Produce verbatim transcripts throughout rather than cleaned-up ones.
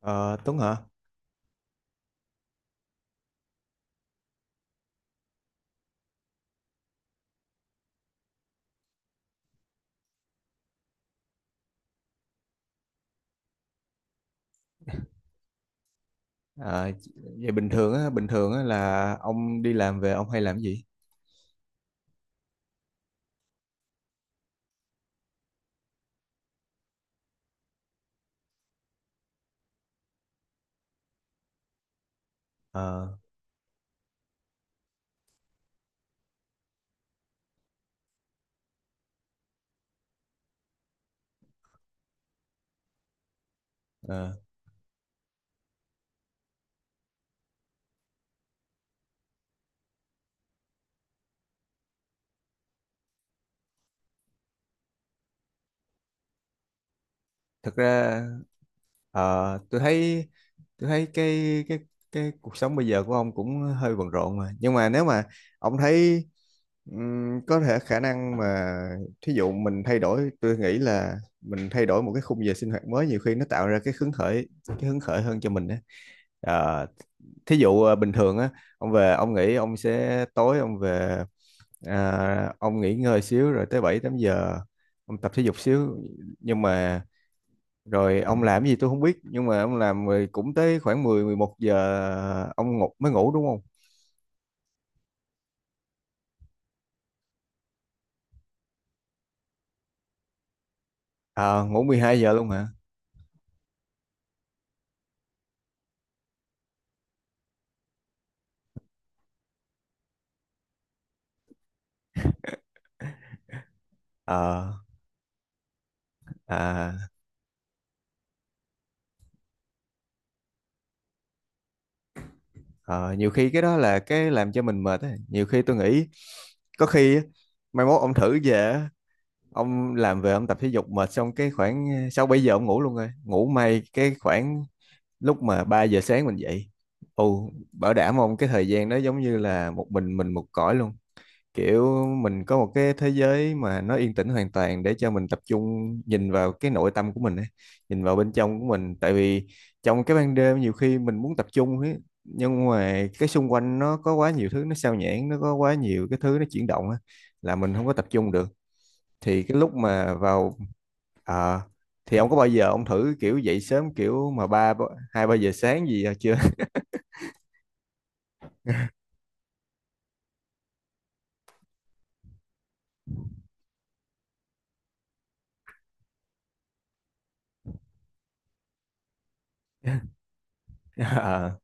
Ờ, Tuấn hả? Ờ, Vậy bình thường á, bình thường á là ông đi làm về ông hay làm cái gì? Ờ, ờ, Thật ra ờ, tôi thấy tôi thấy cái cái cái cuộc sống bây giờ của ông cũng hơi bận rộn mà. Nhưng mà nếu mà ông thấy ừm, có thể khả năng mà thí dụ mình thay đổi, tôi nghĩ là mình thay đổi một cái khung giờ sinh hoạt mới, nhiều khi nó tạo ra cái hứng khởi, cái hứng khởi hơn cho mình á. Ờ, Thí dụ ờ, bình thường á ông về ông nghĩ ông sẽ tối ông về, à, ông nghỉ ngơi xíu rồi tới bảy tám giờ ông tập thể dục xíu, nhưng mà rồi ông làm cái gì tôi không biết, nhưng mà ông làm rồi cũng tới khoảng mười mười một giờ ông ngủ, mới ngủ đúng không? Ờ, ngủ mười hai giờ luôn hả? Ờ à, ờ, Nhiều khi cái đó là cái làm cho mình mệt á. Nhiều khi tôi nghĩ có khi á, mai mốt ông thử về á, ông làm về ông tập thể dục mệt xong cái khoảng sáu bảy giờ ông ngủ luôn rồi. Ngủ may cái khoảng lúc mà ba giờ sáng mình dậy, ồ, bảo đảm ông cái thời gian đó giống như là một mình mình một cõi luôn, kiểu mình có một cái thế giới mà nó yên tĩnh hoàn toàn để cho mình tập trung nhìn vào cái nội tâm của mình ấy, nhìn vào bên trong của mình, tại vì trong cái ban đêm nhiều khi mình muốn tập trung ấy, nhưng mà cái xung quanh nó có quá nhiều thứ nó sao nhãng, nó có quá nhiều cái thứ nó chuyển động á là mình không có tập trung được. Thì cái lúc mà vào, Ờ, thì ông có bao giờ ông thử kiểu dậy sớm kiểu mà ba ba- hai ba giờ sáng gì chưa? Ờ,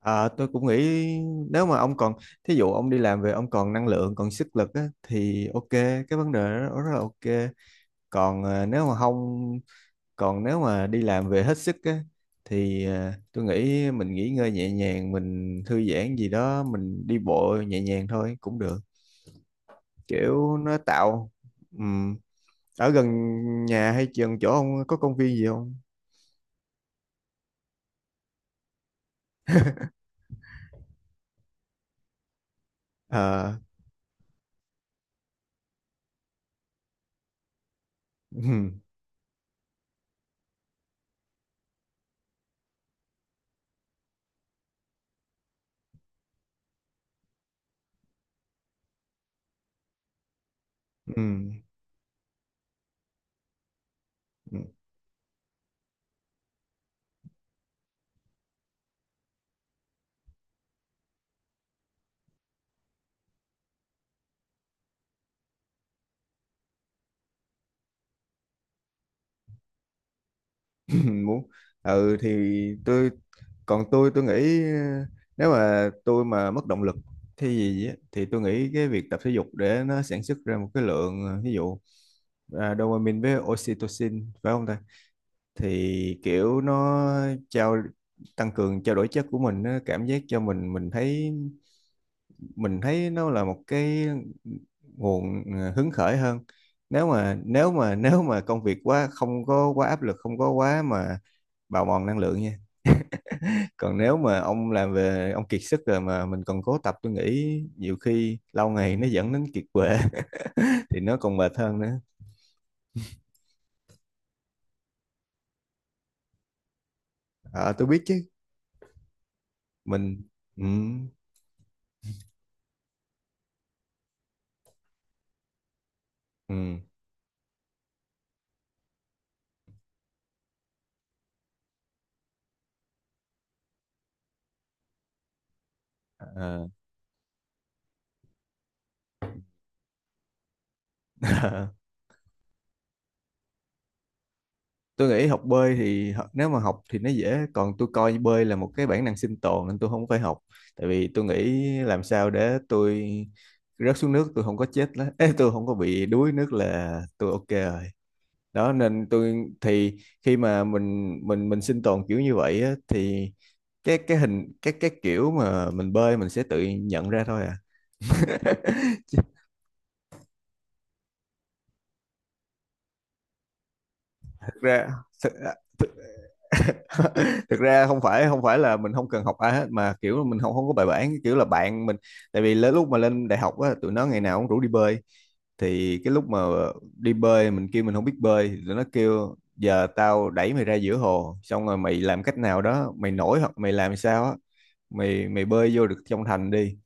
ờ, tôi cũng nghĩ nếu mà ông còn, thí dụ ông đi làm về ông còn năng lượng còn sức lực á, thì ok, cái vấn đề đó rất là ok. Còn ờ, nếu mà không, còn nếu mà đi làm về hết sức á, thì ờ, tôi nghĩ mình nghỉ ngơi nhẹ nhàng, mình thư giãn gì đó, mình đi bộ nhẹ nhàng thôi cũng được, kiểu nó tạo, ừm, ở gần nhà hay gần chỗ ông có công viên gì không? Ờ Ừ, ừ, ừ, muốn ừ thì tôi, còn tôi tôi nghĩ ờ, nếu mà tôi mà mất động lực thì gì á thì tôi nghĩ cái việc tập thể dục để nó sản xuất ra một cái lượng ờ, ví dụ à, dopamine với oxytocin phải không ta, thì kiểu nó trao tăng cường trao đổi chất của mình, nó cảm giác cho mình mình thấy mình thấy nó là một cái nguồn ờ, hứng khởi hơn, nếu mà nếu mà nếu mà công việc quá không có quá áp lực, không có quá mà bào mòn năng lượng nha. Còn nếu mà ông làm về ông kiệt sức rồi mà mình còn cố tập, tôi nghĩ nhiều khi lâu ngày nó dẫn đến kiệt quệ thì nó còn mệt hơn nữa. Ờ, tôi biết chứ. Mình ừ, ừ, ờ. Tôi nghĩ học bơi thì, h- nếu mà học thì nó dễ, còn tôi coi bơi là một cái bản năng sinh tồn nên tôi không phải học. Tại vì tôi nghĩ làm sao để tôi rớt xuống nước tôi không có chết, lá- Ê, tôi không có bị đuối nước là tôi ok rồi. Đó nên tôi thì, khi mà mình mình mình sinh tồn kiểu như vậy á, thì cái cái hình cái cái kiểu mà mình bơi mình sẽ tự nhận ra thôi à. Chứ thật ra, thật, thực ra không phải, không phải là mình không cần học ai hết, mà kiểu là mình không không có bài bản, kiểu là bạn mình. Tại vì lớ- lúc mà lên đại học á tụi nó ngày nào cũng rủ đi bơi, thì cái lúc mà đi bơi mình kêu mình không biết bơi thì tụi nó kêu giờ tao đẩy mày ra giữa hồ xong rồi mày làm cách nào đó mày nổi hoặc mày làm sao á, mày mày bơi vô được trong thành đi.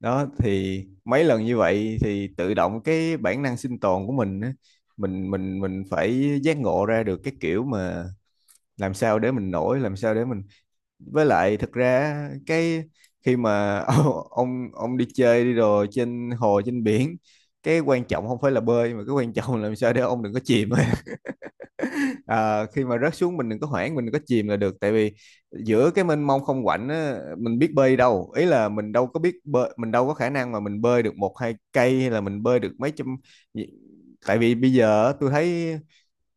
Đó thì mấy lần như vậy thì tự động cái bản năng sinh tồn của mình á, mình mình mình phải giác ngộ ra được cái kiểu mà làm sao để mình nổi, làm sao để mình, với lại thực ra cái khi mà ông, ông ông đi chơi đi đồ trên hồ trên biển, cái quan trọng không phải là bơi mà cái quan trọng là làm sao để ông đừng có chìm. Ờ, khi mà rớt xuống mình đừng có hoảng, mình đừng có chìm là được, tại vì giữa cái mênh mông không quạnh á, mình biết bơi đâu, ý là mình đâu có biết bơi, mình đâu có khả năng mà mình bơi được một hai cây hay là mình bơi được mấy trăm. Tại vì bây giờ á, tôi thấy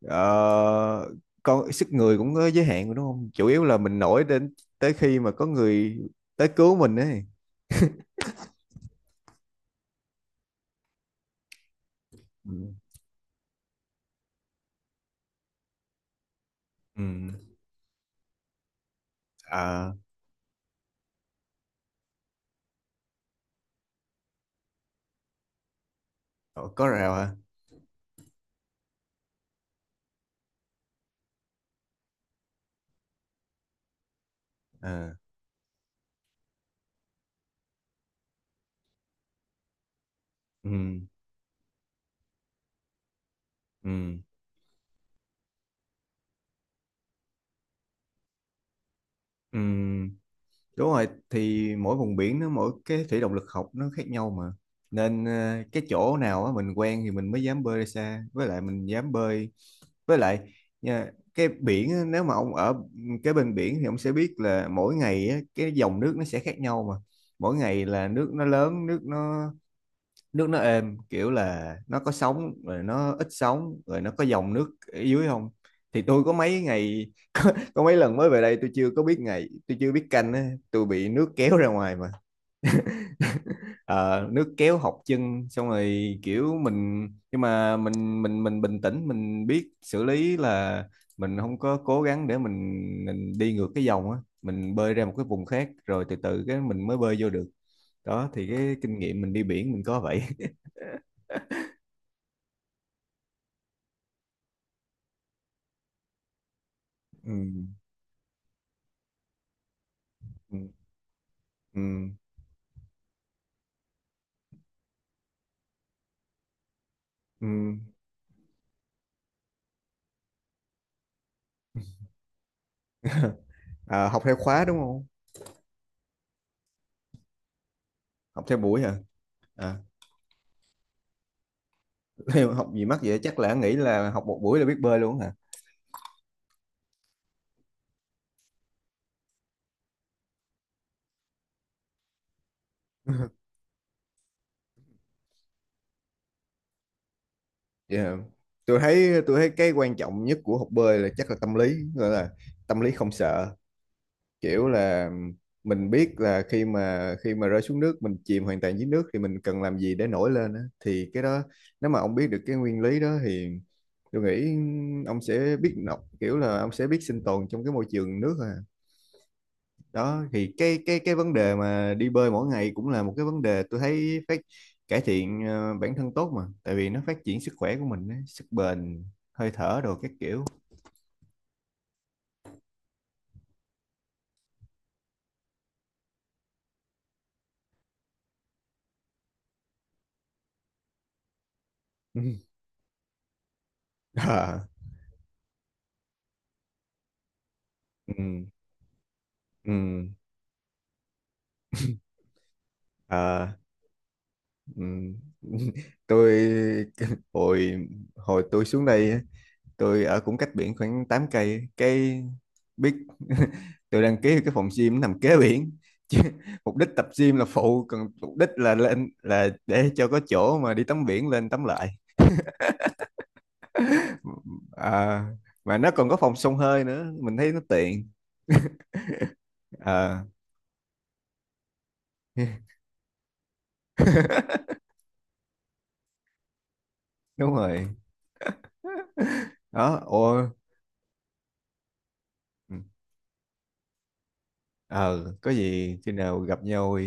ờ, con sức người cũng có giới hạn rồi đúng không, chủ yếu là mình nổi đến tới khi mà có người tới cứu mình ấy. Ừ. Ừ. À, có rào hả? À. Ừ. Ừ. Ừ. Đúng rồi, thì mỗi vùng biển nó mỗi cái thủy động lực học nó khác nhau mà. Nên ờ, cái chỗ nào á mình quen thì mình mới dám bơi ra xa, với lại mình dám bơi. Với lại nha, cái biển á, nếu mà ông ở cái bên biển thì ông sẽ biết là mỗi ngày á, cái dòng nước nó sẽ khác nhau mà. Mỗi ngày là nước nó lớn, nước nó, nước nó êm, kiểu là nó có sóng rồi nó ít sóng rồi nó có dòng nước ở dưới không, thì tôi có mấy ngày có, có mấy lần mới về đây tôi chưa có biết ngày, tôi chưa biết canh á tôi bị nước kéo ra ngoài mà. Ờ, nước kéo học chân xong rồi kiểu mình, nhưng mà mình mình mình bình tĩnh mình biết xử lý là mình không có cố gắng để mình, mình đi ngược cái dòng á, mình bơi ra một cái vùng khác rồi từ từ cái mình mới bơi vô được. Đó thì cái kinh nghiệm mình đi biển mình có vậy. Ừ. Ừ. Ừ, ừ. À, học theo khóa đúng không? Học theo buổi hả? À, theo học gì mắc vậy? Chắc là nghĩ là học một buổi là biết bơi luôn hả? Dạ. Tôi thấy tôi thấy cái quan trọng nhất của học bơi là chắc là tâm lý, gọi là tâm lý không sợ. Kiểu là mình biết là khi mà khi mà rơi xuống nước mình chìm hoàn toàn dưới nước thì mình cần làm gì để nổi lên á. Thì cái đó nếu mà ông biết được cái nguyên lý đó thì tôi nghĩ ông sẽ biết nọc, kiểu là ông sẽ biết sinh tồn trong cái môi trường nước. Đó thì cái cái cái vấn đề mà đi bơi mỗi ngày cũng là một cái vấn đề, tôi thấy phát cải thiện ờ, bản thân tốt mà, tại vì nó phát triển sức khỏe của mình á, sức bền, hơi thở đồ các kiểu. Ừ, Ờ, ừ, ừ. Ờ, ừ. Tôi hồi hồi tôi xuống đây á, tôi ở cũng cách biển khoảng tám cây, cái biết tôi đăng ký cái phòng gym nằm kế biển. Chứ mục đích tập gym là phụ còn mục đích là lên là để cho có chỗ mà đi tắm biển, lên tắm lại. À, mà nó còn có phòng xông hơi nữa mình thấy nó tiện. À, đúng rồi. Đó ôi. Ờ, có gì khi nào gặp nhau.